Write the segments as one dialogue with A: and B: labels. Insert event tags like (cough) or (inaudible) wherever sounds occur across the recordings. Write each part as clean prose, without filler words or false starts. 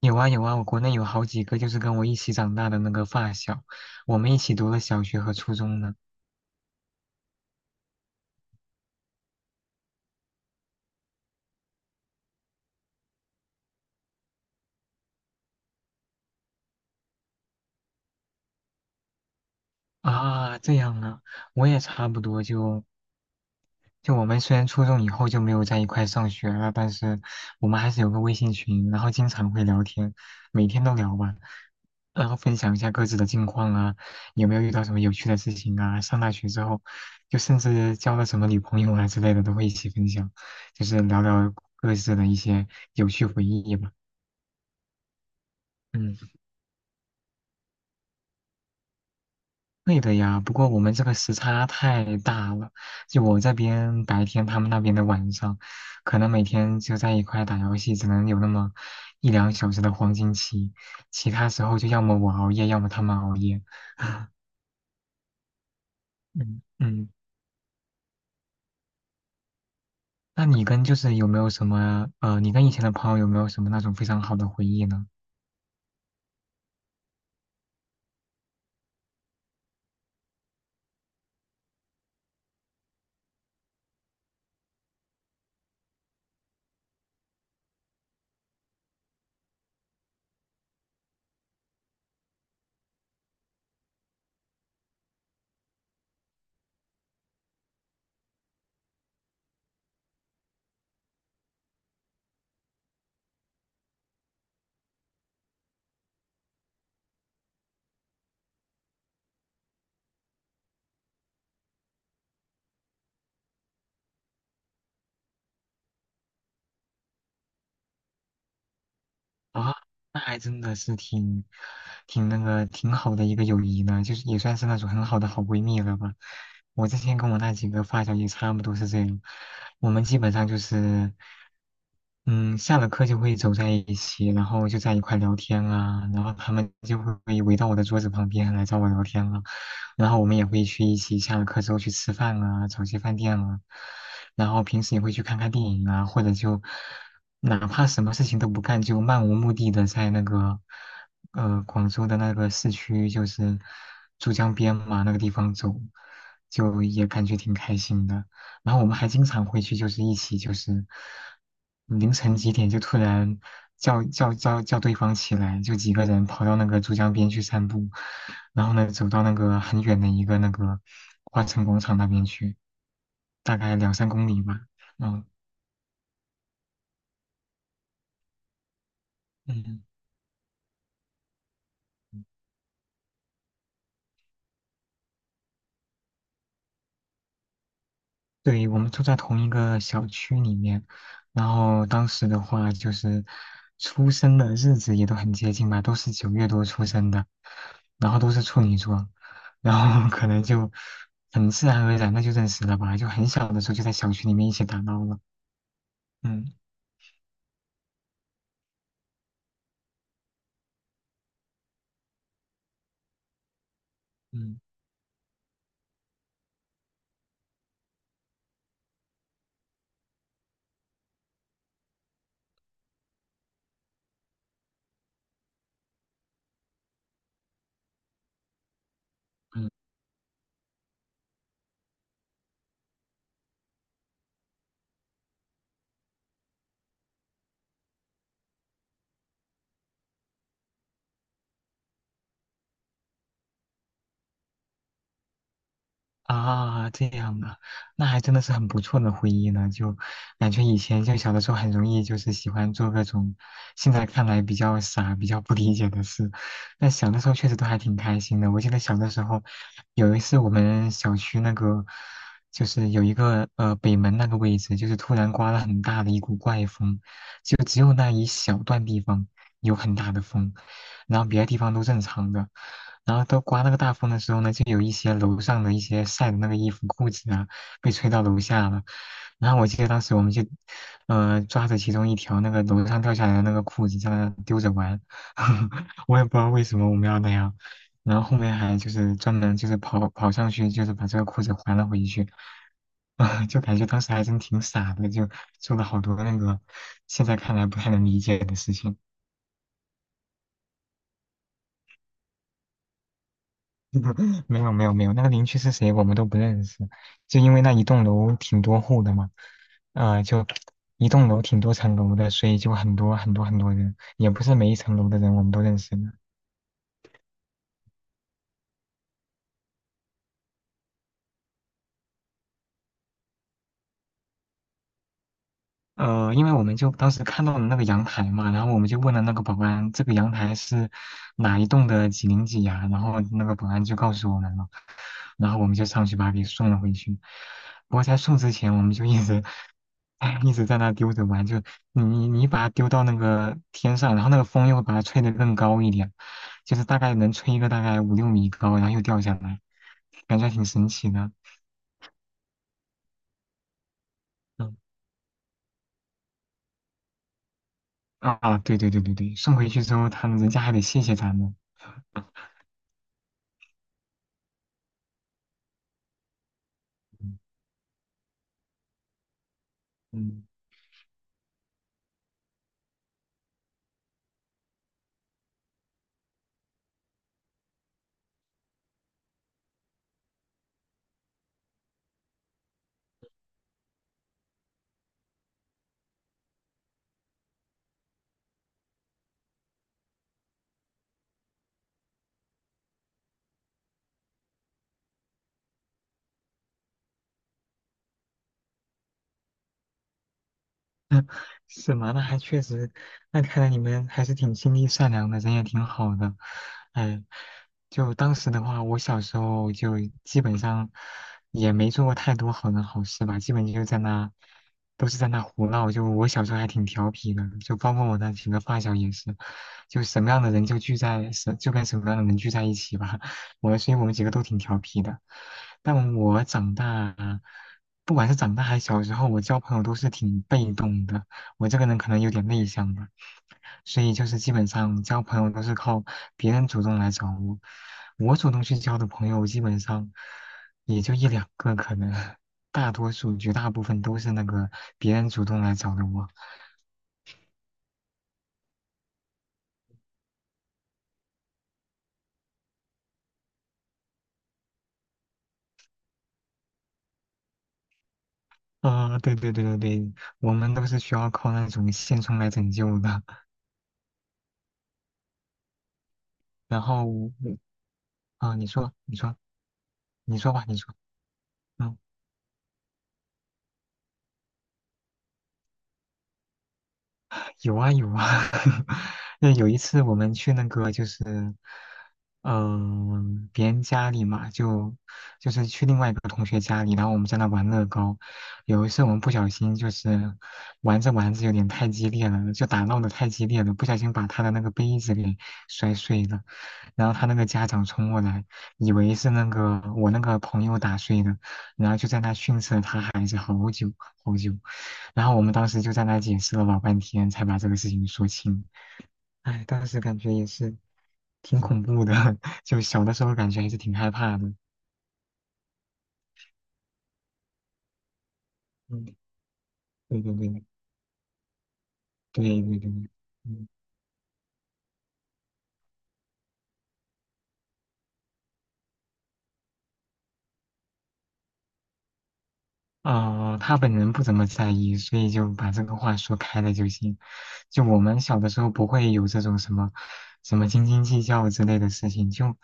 A: 有啊有啊，我国内有好几个就是跟我一起长大的那个发小，我们一起读了小学和初中呢。啊，这样啊，我也差不多就我们虽然初中以后就没有在一块上学了，但是我们还是有个微信群，然后经常会聊天，每天都聊吧，然后分享一下各自的近况啊，有没有遇到什么有趣的事情啊，上大学之后，就甚至交了什么女朋友啊之类的都会一起分享，就是聊聊各自的一些有趣回忆吧。嗯。对的呀，不过我们这个时差太大了，就我这边白天，他们那边的晚上，可能每天就在一块打游戏，只能有那么一两小时的黄金期，其他时候就要么我熬夜，要么他们熬夜。嗯嗯，那你跟就是有没有什么你跟以前的朋友有没有什么那种非常好的回忆呢？啊，那还真的是挺好的一个友谊呢，就是也算是那种很好的好闺蜜了吧。我之前跟我那几个发小也差不多是这样，我们基本上就是，嗯，下了课就会走在一起，然后就在一块聊天啊，然后他们就会围到我的桌子旁边来找我聊天了，然后我们也会去一起下了课之后去吃饭啊，找些饭店啊，然后平时也会去看看电影啊，或者就哪怕什么事情都不干，就漫无目的的在那个广州的那个市区，就是珠江边嘛那个地方走，就也感觉挺开心的。然后我们还经常回去，就是一起就是凌晨几点就突然叫对方起来，就几个人跑到那个珠江边去散步，然后呢走到那个很远的一个花城广场那边去，大概两三公里吧。嗯嗯。对，我们住在同一个小区里面，然后当时的话就是出生的日子也都很接近吧，都是九月多出生的，然后都是处女座，然后 (laughs) 可能就很自然而然的就认识了吧，就很小的时候就在小区里面一起打闹了。嗯嗯嗯，啊，这样啊，那还真的是很不错的回忆呢。就感觉以前就小的时候很容易就是喜欢做各种现在看来比较傻、比较不理解的事，但小的时候确实都还挺开心的。我记得小的时候有一次我们小区那个就是有一个北门那个位置，就是突然刮了很大的一股怪风，就只有那一小段地方有很大的风，然后别的地方都正常的。然后都刮那个大风的时候呢，就有一些楼上的一些晒的那个衣服、裤子啊，被吹到楼下了。然后我记得当时我们就，抓着其中一条那个楼上掉下来的那个裤子，在那丢着玩。(laughs) 我也不知道为什么我们要那样，然后后面还就是专门就是跑跑上去，就是把这个裤子还了回去，(laughs) 啊，就感觉当时还真挺傻的，就做了好多那个现在看来不太能理解的事情。(laughs) 没有没有没有，那个邻居是谁我们都不认识，就因为那一栋楼挺多户的嘛，就一栋楼挺多层楼的，所以就很多很多很多人，也不是每一层楼的人我们都认识的。因为我们就当时看到了那个阳台嘛，然后我们就问了那个保安，这个阳台是哪一栋的几零几呀、然后那个保安就告诉我们了，然后我们就上去把他给送了回去。不过在送之前，我们就一直，哎，一直在那丢着玩，就你你你把它丢到那个天上，然后那个风又会把它吹得更高一点，就是大概能吹一个大概五六米高，然后又掉下来，感觉还挺神奇的。嗯啊，对对对对对，送回去之后，他们人家还得谢谢咱们。嗯，是吗？那还确实，那看来你们还是挺心地善良的，人也挺好的。哎，就当时的话，我小时候就基本上也没做过太多好人好事吧，基本就在那，都是在那胡闹。就我小时候还挺调皮的，就包括我那几个发小也是，就什么样的人就跟什么样的人聚在一起吧。(laughs) 我，所以我们几个都挺调皮的。但我长大，不管是长大还是小时候，我交朋友都是挺被动的。我这个人可能有点内向吧，所以就是基本上交朋友都是靠别人主动来找我，我主动去交的朋友基本上也就一两个，可能大多数绝大部分都是那个别人主动来找的我。啊、对对对对对，我们都是需要靠那种现充来拯救的。然后，啊、你说，你说，你说吧，你说，嗯。有啊有啊，(laughs) 那有一次我们去那个就是，嗯、别人家里嘛，就是去另外一个同学家里，然后我们在那玩乐高。有一次我们不小心就是玩着玩着有点太激烈了，就打闹的太激烈了，不小心把他的那个杯子给摔碎了。然后他那个家长冲过来，以为是那个我那个朋友打碎的，然后就在那训斥了他孩子好久好久，然后我们当时就在那解释了老半天，才把这个事情说清。哎，当时感觉也是挺恐怖的，(laughs) 就小的时候感觉还是挺害怕的。嗯，对对对，对对对，嗯。他本人不怎么在意，所以就把这个话说开了就行。就我们小的时候不会有这种什么什么斤斤计较之类的事情，就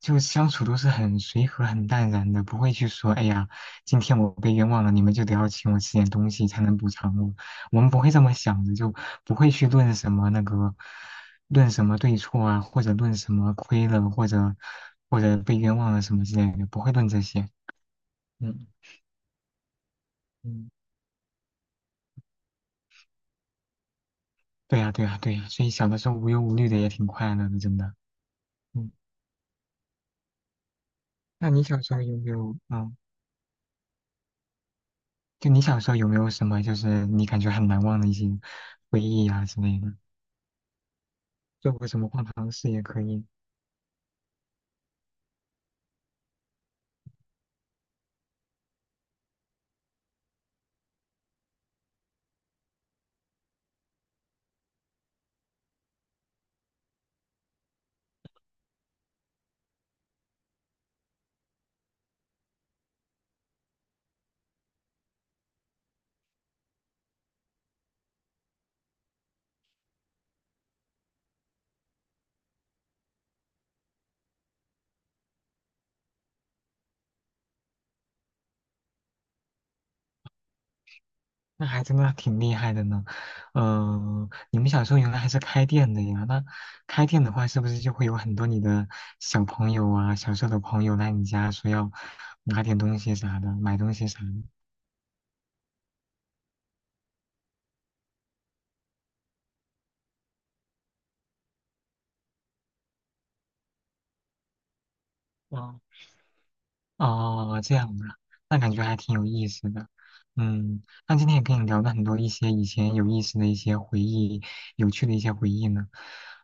A: 就相处都是很随和、很淡然的，不会去说哎呀，今天我被冤枉了，你们就得要请我吃点东西才能补偿我。我们不会这么想的，就不会去论什么对错啊，或者论什么亏了，或者被冤枉了什么之类的，不会论这些。嗯。嗯对呀，对呀，对呀，所以小的时候无忧无虑的也挺快乐的，真的。嗯，那你小时候有没有，就你小时候有没有什么，就是你感觉很难忘的一些回忆啊之类的？做过什么荒唐事也可以。那还真的挺厉害的呢。嗯，你们小时候原来还是开店的呀？那开店的话，是不是就会有很多你的小朋友啊、小时候的朋友来你家说要拿点东西啥的，买东西啥的？哇哦，这样啊，那感觉还挺有意思的。嗯，那今天也跟你聊了很多一些以前有意思的一些回忆，有趣的一些回忆呢。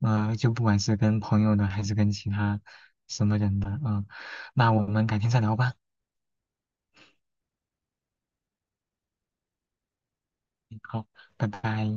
A: 就不管是跟朋友的，还是跟其他什么人的，嗯，那我们改天再聊吧。嗯好，拜拜。